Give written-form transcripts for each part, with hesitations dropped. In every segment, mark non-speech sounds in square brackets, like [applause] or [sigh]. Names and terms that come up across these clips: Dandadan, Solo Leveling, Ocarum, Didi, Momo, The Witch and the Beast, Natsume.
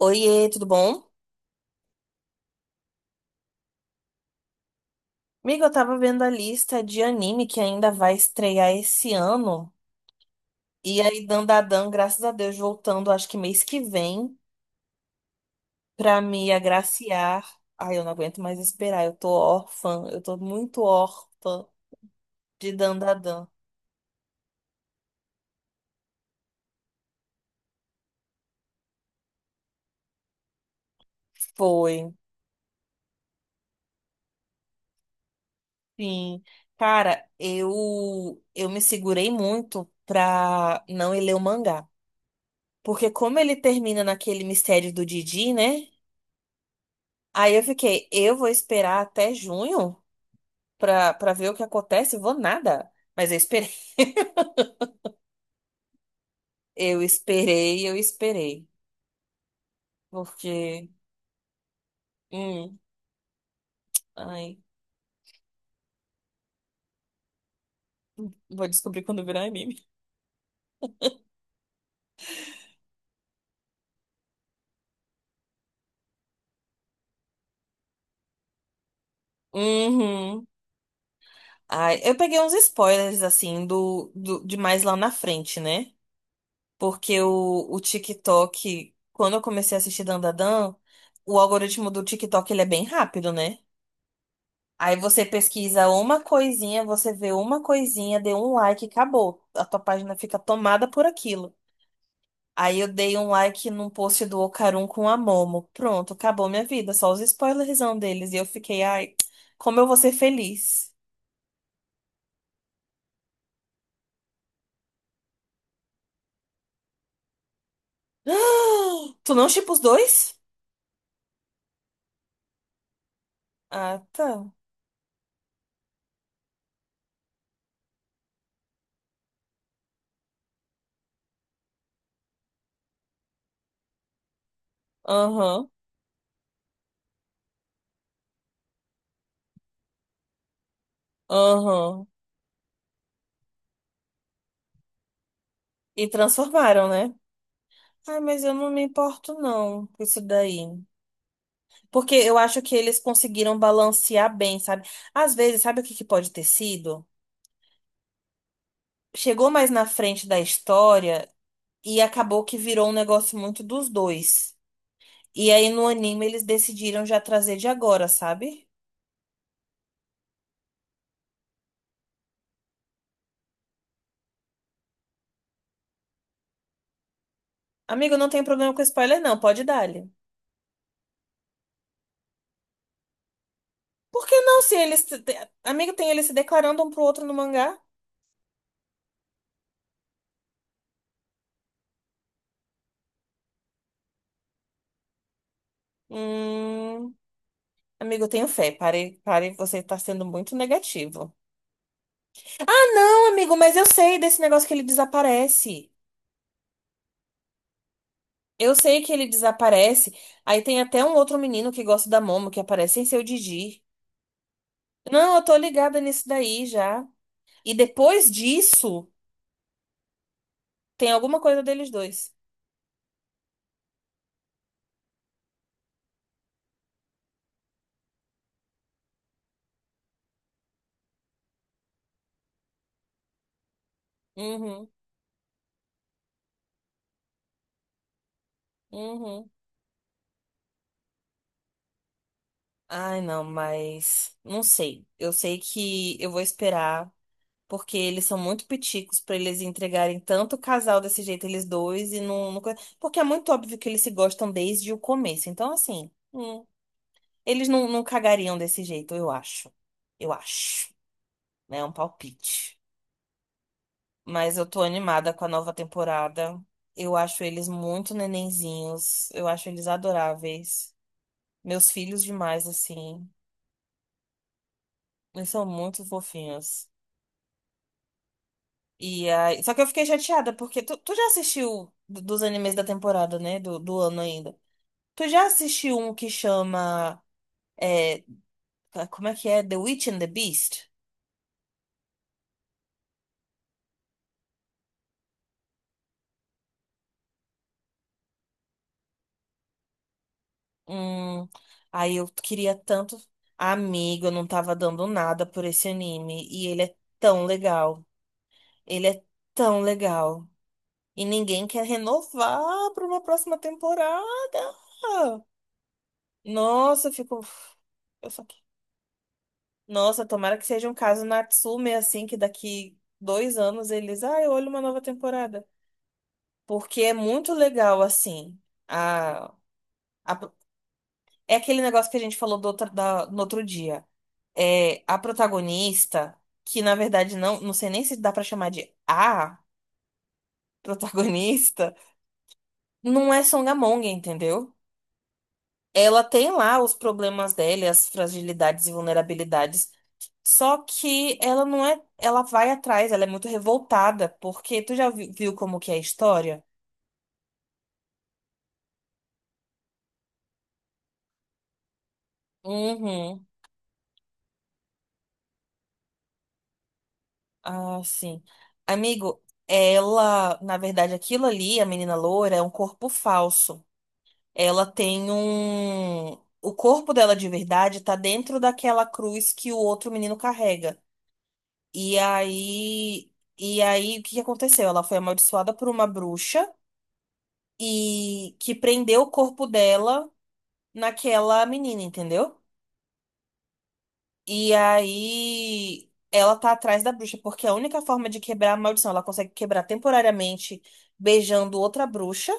Oiê, tudo bom? Amiga, eu tava vendo a lista de anime que ainda vai estrear esse ano. E aí, Dandadan, graças a Deus, voltando, acho que mês que vem, pra me agraciar. Ai, eu não aguento mais esperar, eu tô órfã, eu tô muito órfã de Dandadan. Foi. Sim. Cara, eu me segurei muito pra não ir ler o mangá. Porque como ele termina naquele mistério do Didi, né? Aí eu fiquei, eu vou esperar até junho, pra ver o que acontece, vou nada. Mas eu esperei. Eu esperei, eu esperei. Porque. Hum, ai. Vou descobrir quando virar anime. Uhum. Ai, eu peguei uns spoilers, assim, de mais lá na frente, né? Porque o TikTok, quando eu comecei a assistir Dandadan, o algoritmo do TikTok, ele é bem rápido, né? Aí você pesquisa uma coisinha, você vê uma coisinha, deu um like, acabou. A tua página fica tomada por aquilo. Aí eu dei um like num post do Ocarum com a Momo. Pronto, acabou minha vida. Só os spoilerzão deles. E eu fiquei, ai, como eu vou ser feliz. [gasps] Tu não shippa os dois? Ah, tá. Aham, aham. E transformaram, né? Ah, mas eu não me importo, não, com isso daí. Porque eu acho que eles conseguiram balancear bem, sabe? Às vezes, sabe o que que pode ter sido? Chegou mais na frente da história e acabou que virou um negócio muito dos dois. E aí no anime eles decidiram já trazer de agora, sabe? Amigo, não tem problema com spoiler, não, pode dar-lhe. Por que não se eles. Amigo, tem eles se declarando um pro outro no mangá? Hum. Amigo, eu tenho fé. Pare, pare, você tá sendo muito negativo. Ah, não, amigo, mas eu sei desse negócio que ele desaparece. Eu sei que ele desaparece. Aí tem até um outro menino que gosta da Momo que aparece sem ser o Didi. Não, eu tô ligada nisso daí já. E depois disso, tem alguma coisa deles dois. Uhum. Uhum. Ai, não, mas não sei. Eu sei que eu vou esperar, porque eles são muito piticos pra eles entregarem tanto casal desse jeito, eles dois, e não, não. Porque é muito óbvio que eles se gostam desde o começo. Então, assim, eles não, não cagariam desse jeito, eu acho. Eu acho. Né? É um palpite. Mas eu tô animada com a nova temporada. Eu acho eles muito nenenzinhos. Eu acho eles adoráveis. Meus filhos demais, assim. Eles são muito fofinhos. E aí, só que eu fiquei chateada, porque tu já assistiu dos animes da temporada, né? Do ano ainda. Tu já assistiu um que chama. É, como é que é? The Witch and the Beast? Hum, Aí eu queria tanto. Amigo, eu não tava dando nada por esse anime. E ele é tão legal. Ele é tão legal. E ninguém quer renovar para uma próxima temporada. Nossa, eu fico. Eu só. Nossa, tomara que seja um caso Natsume, assim, que daqui 2 anos eles. Ah, eu olho uma nova temporada. Porque é muito legal, assim. A... a- É aquele negócio que a gente falou no outro dia. É a protagonista, que na verdade não. Não sei nem se dá pra chamar de a protagonista, não é Songamonga, entendeu? Ela tem lá os problemas dela, e as fragilidades e vulnerabilidades. Só que ela não é. Ela vai atrás, ela é muito revoltada, porque tu já viu como que é a história? Uhum. Ah, sim. Amigo, ela, na verdade, aquilo ali, a menina loura, é um corpo falso. Ela tem um. O corpo dela de verdade tá dentro daquela cruz que o outro menino carrega. E aí. E aí, o que que aconteceu? Ela foi amaldiçoada por uma bruxa, e que prendeu o corpo dela naquela menina, entendeu? E aí ela tá atrás da bruxa, porque a única forma de quebrar a maldição, ela consegue quebrar temporariamente beijando outra bruxa.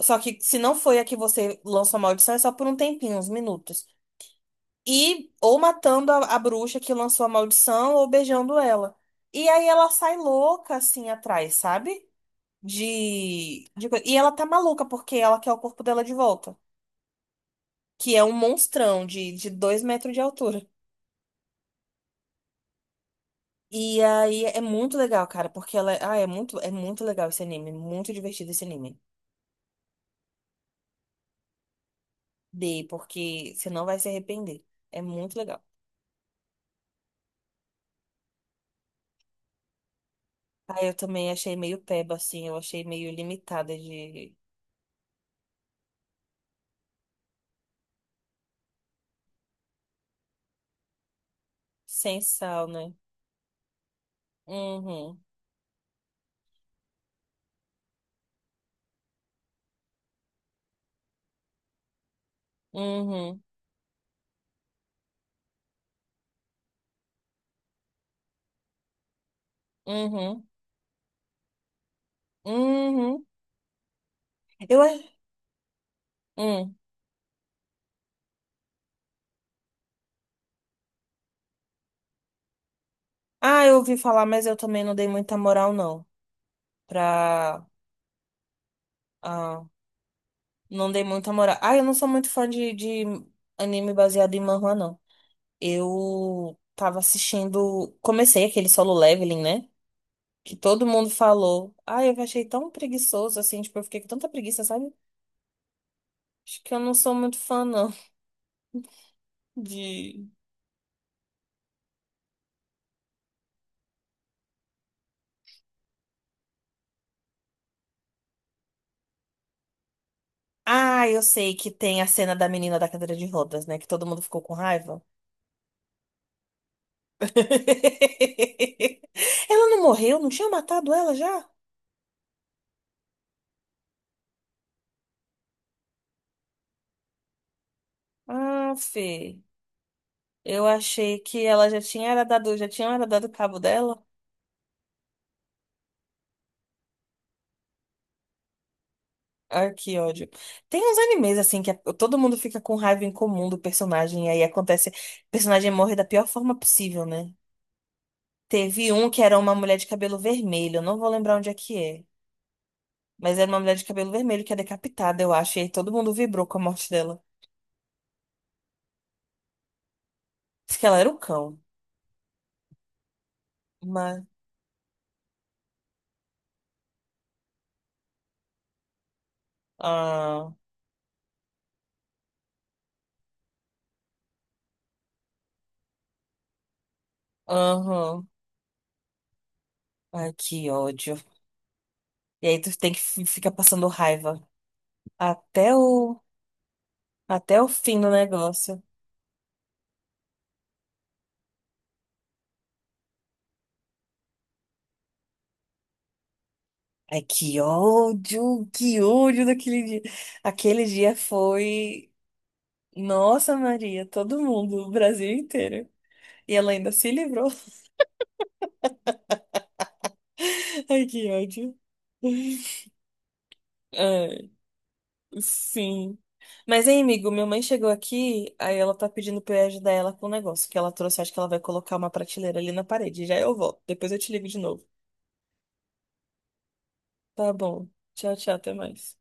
Só que se não foi a que você lançou a maldição, é só por um tempinho, uns minutos. E ou matando a bruxa que lançou a maldição ou beijando ela. E aí ela sai louca assim atrás, sabe? E ela tá maluca porque ela quer o corpo dela de volta. Que é um monstrão de 2 metros de altura. E aí é muito legal, cara, porque ela. Ah, é muito legal esse anime. Muito divertido esse anime. Dei, porque você não vai se arrepender. É muito legal. Ah, eu também achei meio peba, assim. Eu achei meio limitada de. Sem sal, né? Uhum. Uhum. Uhum. Uhum. Eu. a- Hum. Ah, eu ouvi falar, mas eu também não dei muita moral, não. Pra. ah, Não dei muita moral. Ah, eu não sou muito fã de anime baseado em manhwa, não. Eu tava assistindo. Comecei aquele Solo Leveling, né? Que todo mundo falou. Ah, eu achei tão preguiçoso assim. Tipo, eu fiquei com tanta preguiça, sabe? Acho que eu não sou muito fã, não. [laughs] De. Ah, eu sei que tem a cena da menina da cadeira de rodas, né? Que todo mundo ficou com raiva. [laughs] Ela não morreu? Não tinha matado ela já? Ah, Fê. Eu achei que ela já tinha era dado, já tinha era dado cabo dela. Ai, que ódio. Tem uns animes assim que todo mundo fica com raiva em comum do personagem e aí acontece, o personagem morre da pior forma possível, né? Teve um que era uma mulher de cabelo vermelho, eu não vou lembrar onde é que é, mas era uma mulher de cabelo vermelho que é decapitada, eu acho, e aí todo mundo vibrou com a morte dela. Diz que ela era o cão, mas ah, aham. Ai, que ódio. E aí tu tem que ficar passando raiva até o Até o fim do negócio. Ai, que ódio daquele dia. Aquele dia foi. Nossa, Maria, todo mundo, o Brasil inteiro. E ela ainda se livrou. [laughs] Ai, que ódio. Ai, sim. Mas, hein, amigo, minha mãe chegou aqui, aí ela tá pedindo pra eu ajudar ela com o negócio que ela trouxe. Acho que ela vai colocar uma prateleira ali na parede. Já eu volto. Depois eu te ligo de novo. Tá bom. Tchau, tchau, até mais.